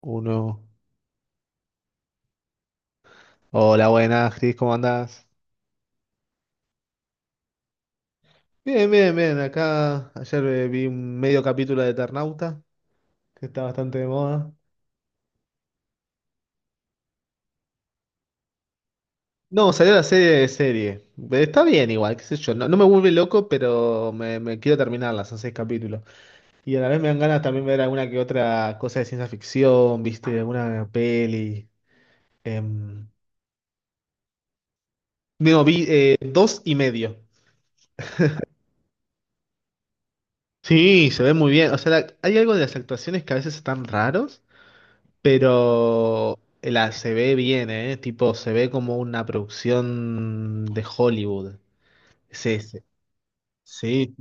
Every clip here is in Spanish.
Uno. Hola, buenas, Cris, ¿cómo andás? Bien, bien, bien. Acá ayer vi un medio capítulo de Eternauta, que está bastante de moda. No, salió la serie de serie. Está bien igual, qué sé yo. No, no me vuelve loco, pero me quiero terminarla, son 6 capítulos. Y a la vez me dan ganas también ver alguna que otra cosa de ciencia ficción, viste, alguna peli. Em, no, vi 2 y medio. Sí, se ve muy bien. O sea, hay algo de las actuaciones que a veces están raros. Pero la se ve bien, ¿eh? Tipo, se ve como una producción de Hollywood. Es ese. Sí,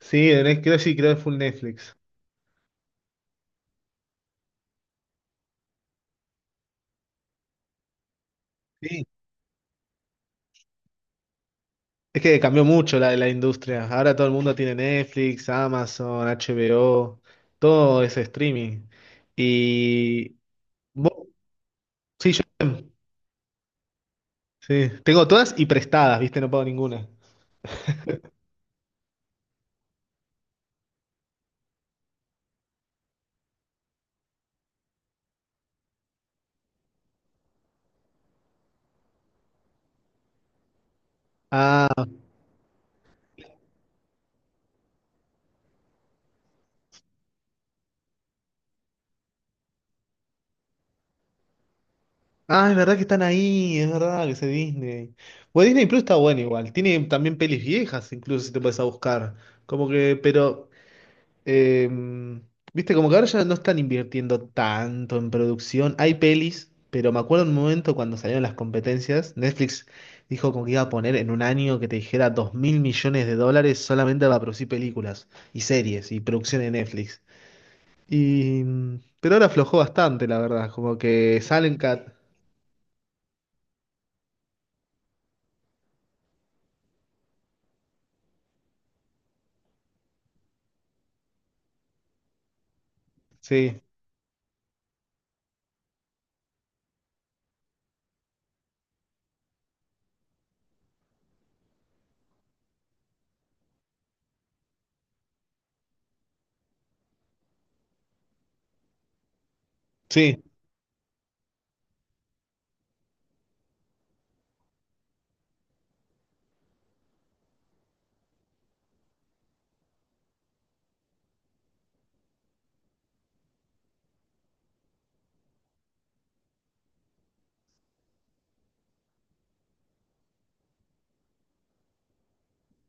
sí, creo, sí, creo que full Netflix. Sí. Es que cambió mucho la industria. Ahora todo el mundo tiene Netflix, Amazon, HBO, todo es streaming. Y vos- sí, yo sí, tengo todas y prestadas, ¿viste? No pago ninguna. Ah. Ah, es verdad que están ahí, es verdad que ese Disney. Bueno, Disney Plus está bueno igual. Tiene también pelis viejas, incluso si te puedes a buscar. Como que, pero, eh, viste, como que ahora ya no están invirtiendo tanto en producción. Hay pelis, pero me acuerdo un momento cuando salieron las competencias, Netflix dijo como que iba a poner en un año que te dijera 2.000 millones de dólares solamente para producir películas y series y producción en Netflix. Y, pero ahora aflojó bastante, la verdad. Como que salen cat. Sí. Sí,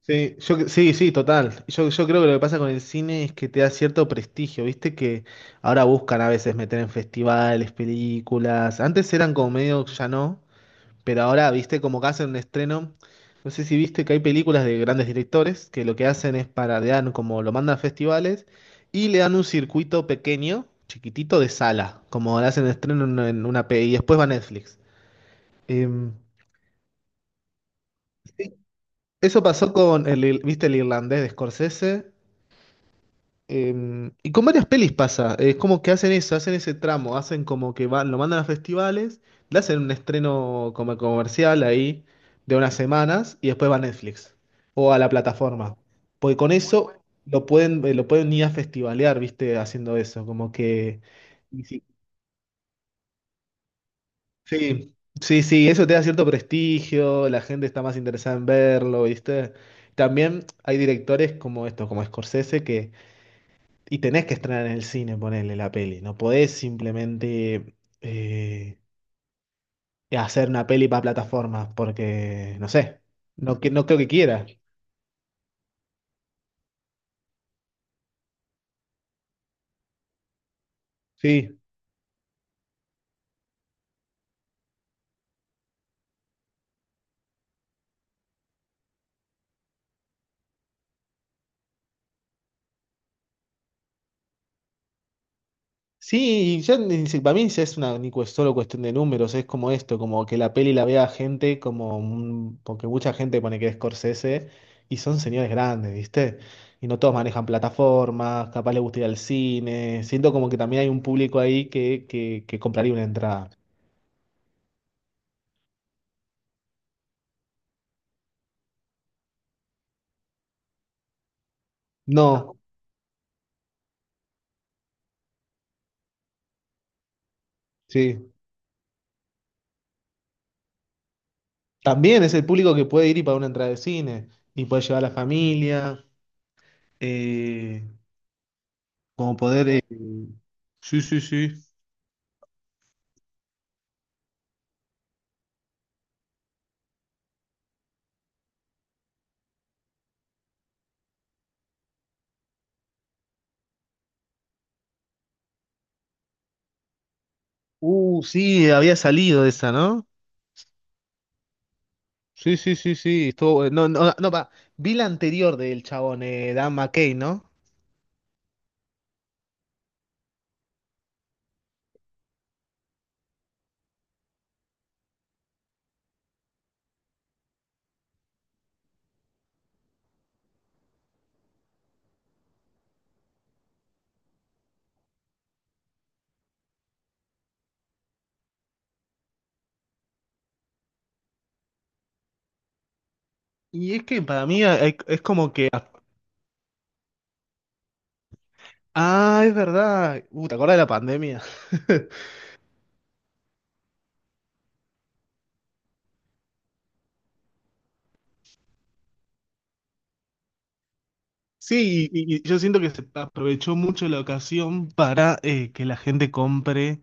Sí, sí, sí, total. Yo creo que lo que pasa con el cine es que te da cierto prestigio, viste que ahora buscan a veces meter en festivales, películas. Antes eran como medio, ya no, pero ahora, viste, como que hacen un estreno. No sé si viste que hay películas de grandes directores que lo que hacen es para le dan como lo mandan a festivales y le dan un circuito pequeño, chiquitito de sala, como le hacen estreno en una P y después va a Netflix. Em, eso pasó con ¿viste el irlandés de Scorsese? Y con varias pelis pasa, es como que hacen eso, hacen ese tramo, hacen como que van, lo mandan a festivales, le hacen un estreno como comercial ahí de unas semanas y después va a Netflix o a la plataforma. Porque con eso lo pueden ir a festivalear, ¿viste? Haciendo eso, como que... y sí, sí, sí, sí, eso te da cierto prestigio, la gente está más interesada en verlo, ¿viste? También hay directores como esto, como Scorsese, y tenés que estrenar en el cine, ponerle la peli. No podés simplemente eh, hacer una peli para plataformas, porque, no sé, no, no creo que quiera. Sí. Sí, y ya ni si- para mí ya es una ni cue- solo cuestión de números, es como esto, como que la peli la vea gente porque mucha gente pone que es Scorsese y son señores grandes, ¿viste? Y no todos manejan plataformas, capaz les gusta ir al cine. Siento como que también hay un público ahí que compraría una entrada. No, sí. También es el público que puede ir y pagar una entrada de cine y puede llevar a la familia, eh, como poder... Sí, sí, sí. Sí, había salido esa, ¿no? Sí, sí, sí, sí. Estuvo, bueno. No, no, no, vi la anterior del chabón, Dan McKay, ¿no? Y es que para mí es como que... Ah, es verdad. ¿Te acuerdas de la pandemia? Sí, y yo siento que se aprovechó mucho la ocasión para que la gente compre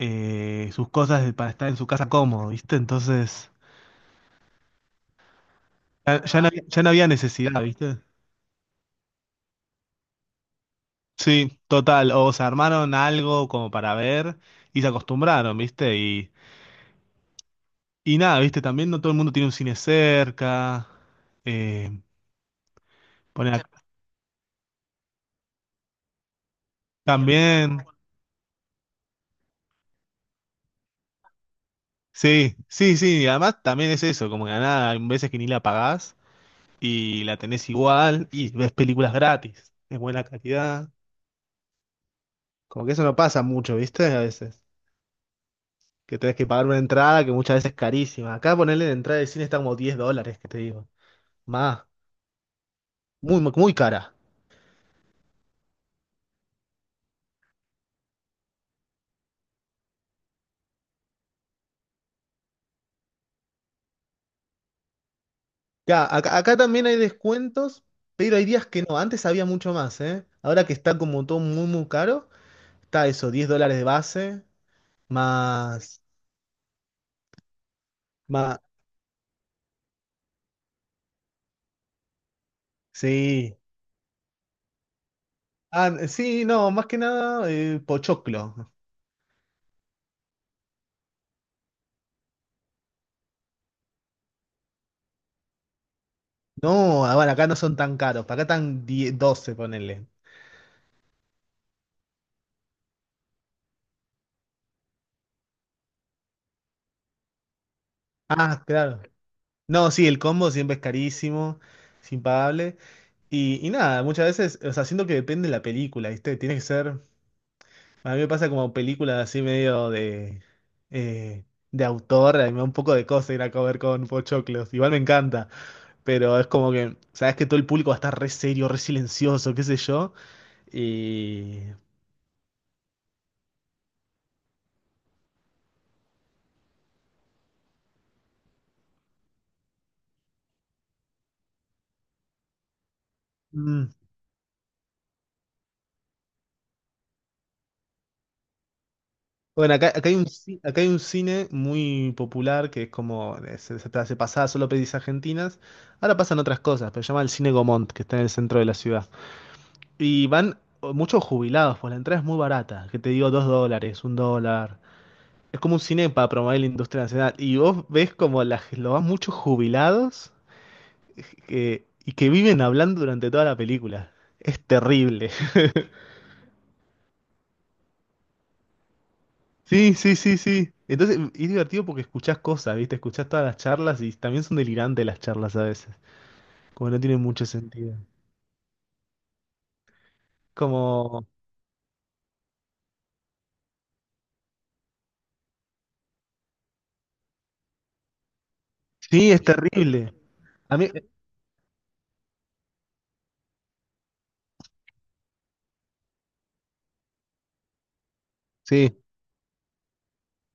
sus cosas para estar en su casa cómodo, ¿viste? Entonces, ya no había necesidad, ¿viste? Sí, total. O se armaron algo como para ver y se acostumbraron, ¿viste? Y nada, ¿viste? También no todo el mundo tiene un cine cerca. Eh, ponen acá también. Sí, sí, sí. Y además también es eso, como que nada, hay veces que ni la pagás y la tenés igual y ves películas gratis, de buena calidad. Como que eso no pasa mucho, ¿viste? A veces que tenés que pagar una entrada que muchas veces es carísima. Acá ponerle la entrada de cine está como 10 dólares, que te digo. Más, muy, muy cara. Ya, acá también hay descuentos, pero hay días que no. Antes había mucho más, ¿eh? Ahora que está como todo muy, muy caro, está eso, 10 dólares de base, más, más, sí. Ah, sí, no, más que nada, pochoclo. No, ah, bueno, acá no son tan caros, acá están diez doce ponerle. Ah, claro. No, sí, el combo siempre es carísimo, es impagable. Y nada, muchas veces, o sea, siento que depende de la película, ¿viste? Tiene que ser, a mí me pasa como películas así medio eh, de autor, a mí me da un poco de cosa ir a comer con pochoclos, igual me encanta, pero es como que, sabes que todo el público va a estar re serio, re silencioso, qué sé yo, y... Mm. Bueno, acá hay un cine muy popular que es como, se pasaba solo pelis argentinas, ahora pasan otras cosas, pero se llama el Cine Gomont, que está en el centro de la ciudad. Y van muchos jubilados, pues la entrada es muy barata, que te digo 2 dólares, 1 dólar. Es como un cine para promover la industria nacional. Y vos ves como lo van muchos jubilados y que viven hablando durante toda la película. Es terrible. Sí, sí, sí, sí. Entonces es divertido porque escuchás cosas, ¿viste? Escuchás todas las charlas y también son delirantes las charlas a veces. Como no tienen mucho sentido. Como... Sí, es terrible. A mí... Sí.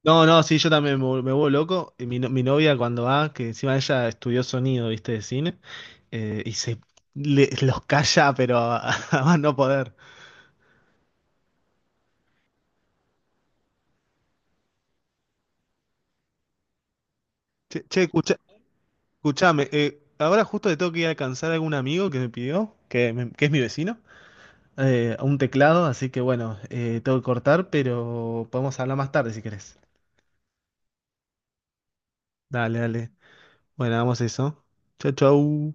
No, no, sí, yo también me vuelvo loco. Y Mi, no- mi novia cuando va, que encima ella estudió sonido, viste, de cine, y los calla, pero a, a más no poder. Che, che, escuchame, ahora justo le tengo que ir a alcanzar a algún amigo que me pidió, que es mi vecino, un teclado, así que bueno, tengo que cortar, pero podemos hablar más tarde si querés. Dale, dale. Bueno, vamos a eso. Chau, chau.